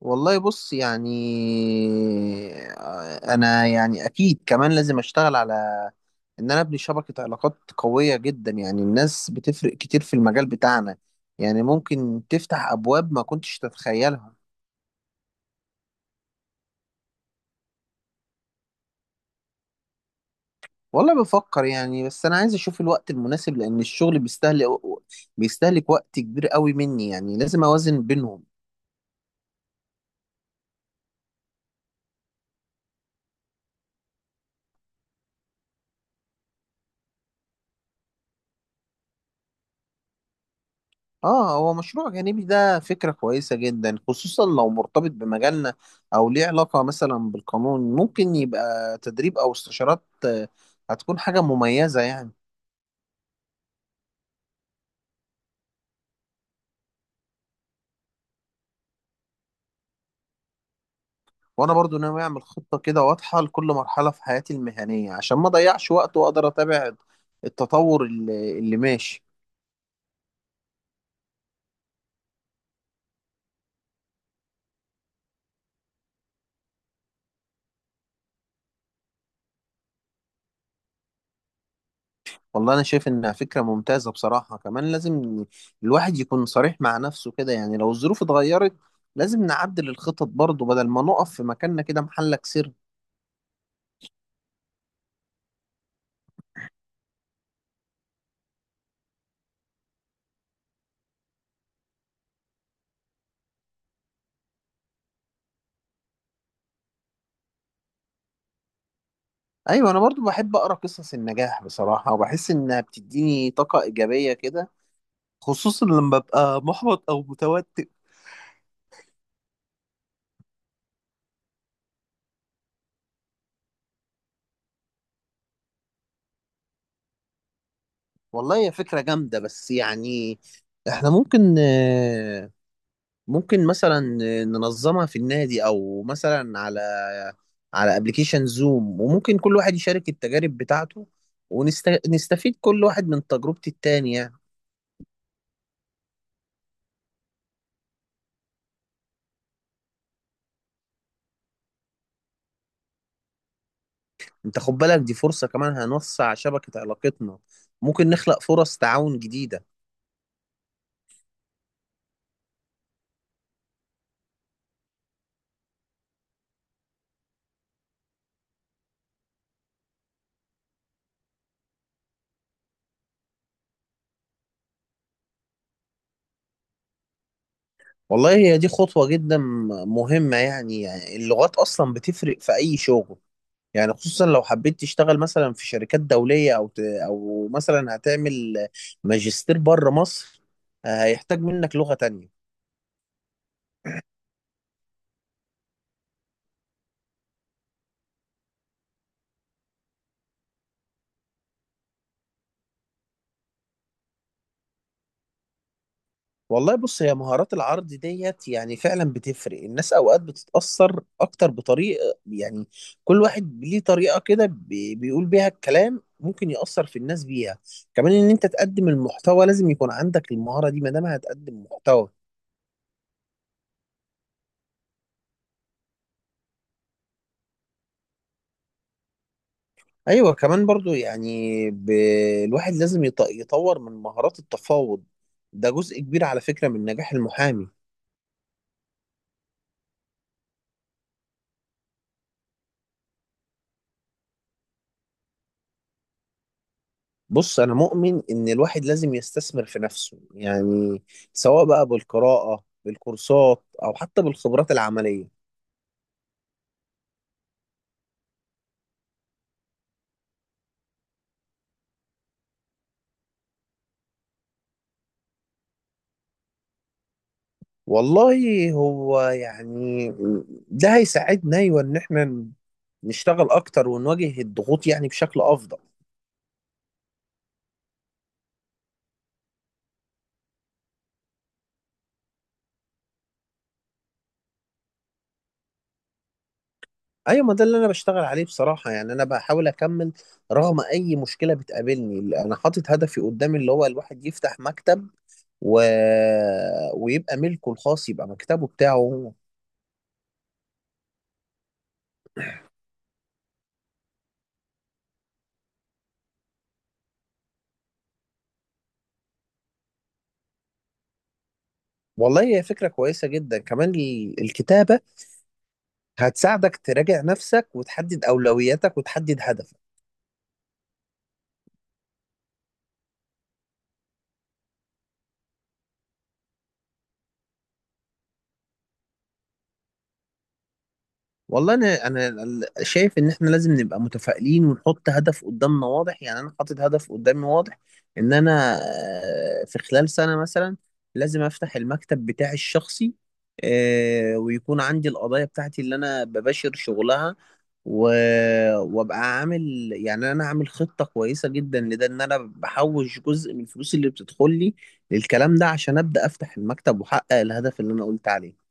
والله بص يعني. انا يعني اكيد كمان لازم اشتغل على ان انا ابني شبكة علاقات قوية جدا. يعني الناس بتفرق كتير في المجال بتاعنا، يعني ممكن تفتح ابواب ما كنتش تتخيلها. والله بفكر يعني، بس انا عايز اشوف الوقت المناسب لان الشغل بيستهلك وقت كبير قوي مني، يعني لازم اوازن بينهم. اه، هو مشروع جانبي ده فكرة كويسة جدا، خصوصا لو مرتبط بمجالنا او ليه علاقة مثلا بالقانون. ممكن يبقى تدريب او استشارات، هتكون حاجة مميزة يعني. وانا برضو ناوي اعمل خطة كده واضحة لكل مرحلة في حياتي المهنية عشان ما اضيعش وقت واقدر اتابع التطور اللي ماشي. والله انا شايف انها فكرة ممتازة بصراحة. كمان لازم الواحد يكون صريح مع نفسه كده، يعني لو الظروف اتغيرت لازم نعدل الخطط برضو بدل ما نقف في مكاننا كده محلك سر. ايوه، انا برضو بحب اقرا قصص النجاح بصراحه، وبحس انها بتديني طاقه ايجابيه كده، خصوصا لما ببقى محبط او متوتر. والله هي فكره جامده، بس يعني احنا ممكن ممكن مثلا ننظمها في النادي، او مثلا على على ابلكيشن زوم، وممكن كل واحد يشارك التجارب بتاعته ونستفيد كل واحد من تجربة التاني يعني. انت خد بالك، دي فرصة كمان هنوسع شبكة علاقتنا، ممكن نخلق فرص تعاون جديدة. والله هي دي خطوة جدا مهمة، يعني اللغات أصلا بتفرق في أي شغل، يعني خصوصا لو حبيت تشتغل مثلا في شركات دولية، أو مثلا هتعمل ماجستير بره مصر، هيحتاج منك لغة تانية. والله بص، هي مهارات العرض ديت يعني فعلا بتفرق. الناس أوقات بتتأثر أكتر بطريقة يعني، كل واحد ليه طريقة كده بيقول بيها الكلام ممكن يأثر في الناس بيها. كمان إن أنت تقدم المحتوى لازم يكون عندك المهارة دي ما دام هتقدم محتوى. ايوه كمان برضو يعني الواحد لازم يطور من مهارات التفاوض. ده جزء كبير على فكرة من نجاح المحامي. بص، انا مؤمن ان الواحد لازم يستثمر في نفسه، يعني سواء بقى بالقراءة بالكورسات او حتى بالخبرات العملية. والله هو يعني ده هيساعدنا، ايوه، ان احنا نشتغل اكتر ونواجه الضغوط يعني بشكل افضل. ايوه، ما ده اللي انا بشتغل عليه بصراحه. يعني انا بحاول اكمل رغم اي مشكله بتقابلني. انا حاطط هدفي قدامي اللي هو الواحد يفتح مكتب و... ويبقى ملكه الخاص، يبقى مكتبه بتاعه هو. والله هي فكره كويسه جدا كمان الكتابه هتساعدك تراجع نفسك وتحدد اولوياتك وتحدد هدف. والله انا شايف ان احنا لازم نبقى متفائلين ونحط هدف قدامنا واضح. يعني انا حاطط هدف قدامي واضح ان انا في خلال سنة مثلا لازم افتح المكتب بتاعي الشخصي، ويكون عندي القضايا بتاعتي اللي انا بباشر شغلها و- وابقى عامل. يعني انا عامل خطة كويسة جدا لده، ان انا بحوش جزء من الفلوس اللي بتدخل لي للكلام ده عشان ابدا افتح المكتب واحقق الهدف اللي انا قلت عليه.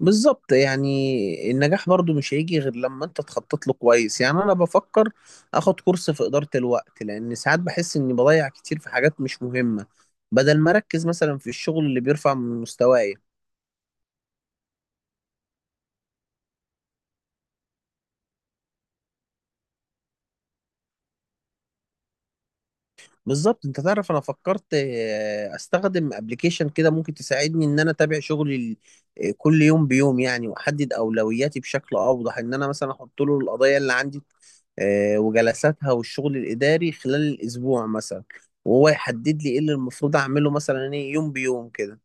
بالظبط، يعني النجاح برضو مش هيجي غير لما انت تخطط له كويس. يعني انا بفكر اخد كورس في ادارة الوقت، لان ساعات بحس اني بضيع كتير في حاجات مش مهمة بدل ما اركز مثلا في الشغل اللي بيرفع من مستواي. بالظبط. انت تعرف انا فكرت استخدم ابلكيشن كده ممكن تساعدني ان انا اتابع شغلي كل يوم بيوم، يعني واحدد اولوياتي بشكل اوضح، ان انا مثلا احط له القضايا اللي عندي وجلساتها والشغل الإداري خلال الأسبوع مثلا، وهو يحدد لي إيه اللي المفروض أعمله مثلا إيه يوم بيوم كده.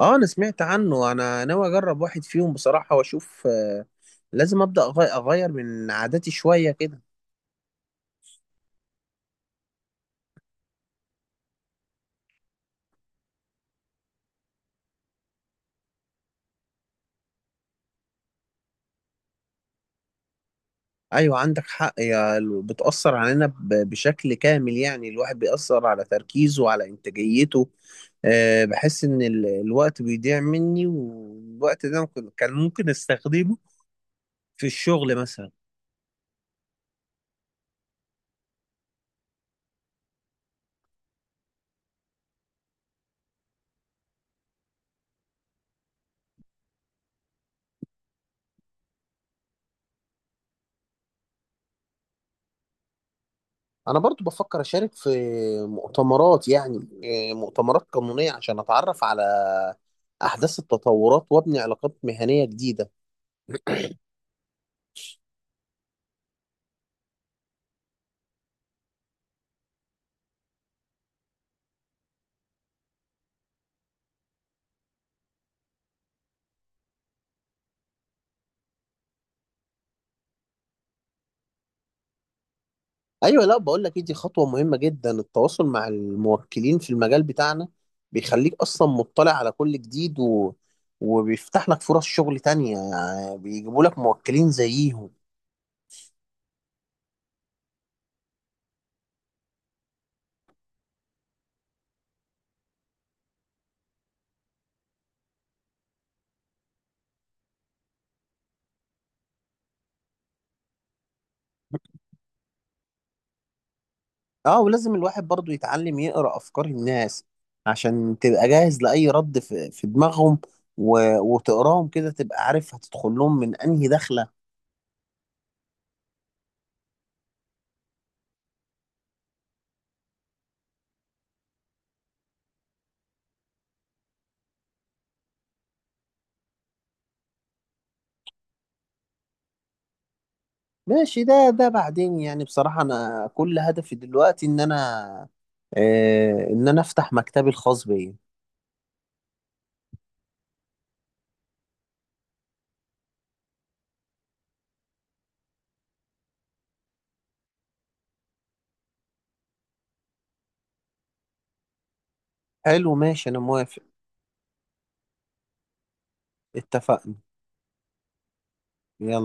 أه، أنا سمعت عنه. أنا ناوي أجرب واحد فيهم بصراحة وأشوف. لازم أبدأ أغير من عاداتي شوية كده. أيوة، عندك حق يا بتأثر علينا بشكل كامل، يعني الواحد بيأثر على تركيزه وعلى إنتاجيته. بحس إن الوقت بيضيع مني، والوقت ده كان ممكن أستخدمه في الشغل مثلا. انا برضو بفكر اشارك في مؤتمرات، يعني مؤتمرات قانونية عشان اتعرف على احداث التطورات وابني علاقات مهنية جديدة. ايوه، لا بقول لك دي خطوة مهمة جدا، التواصل مع الموكلين في المجال بتاعنا بيخليك اصلا مطلع على كل جديد وبيفتح لك فرص شغل تانية، يعني بيجيبوا لك موكلين زيهم. اه، ولازم الواحد برضو يتعلم يقرأ أفكار الناس عشان تبقى جاهز لأي رد في دماغهم، وتقراهم كده تبقى عارف هتدخل لهم من أنهي دخلة. ماشي، ده بعدين يعني. بصراحة أنا كل هدفي دلوقتي إن أنا آه إن أنا أفتح مكتبي الخاص بيا. حلو، ماشي، أنا موافق. اتفقنا. يلا.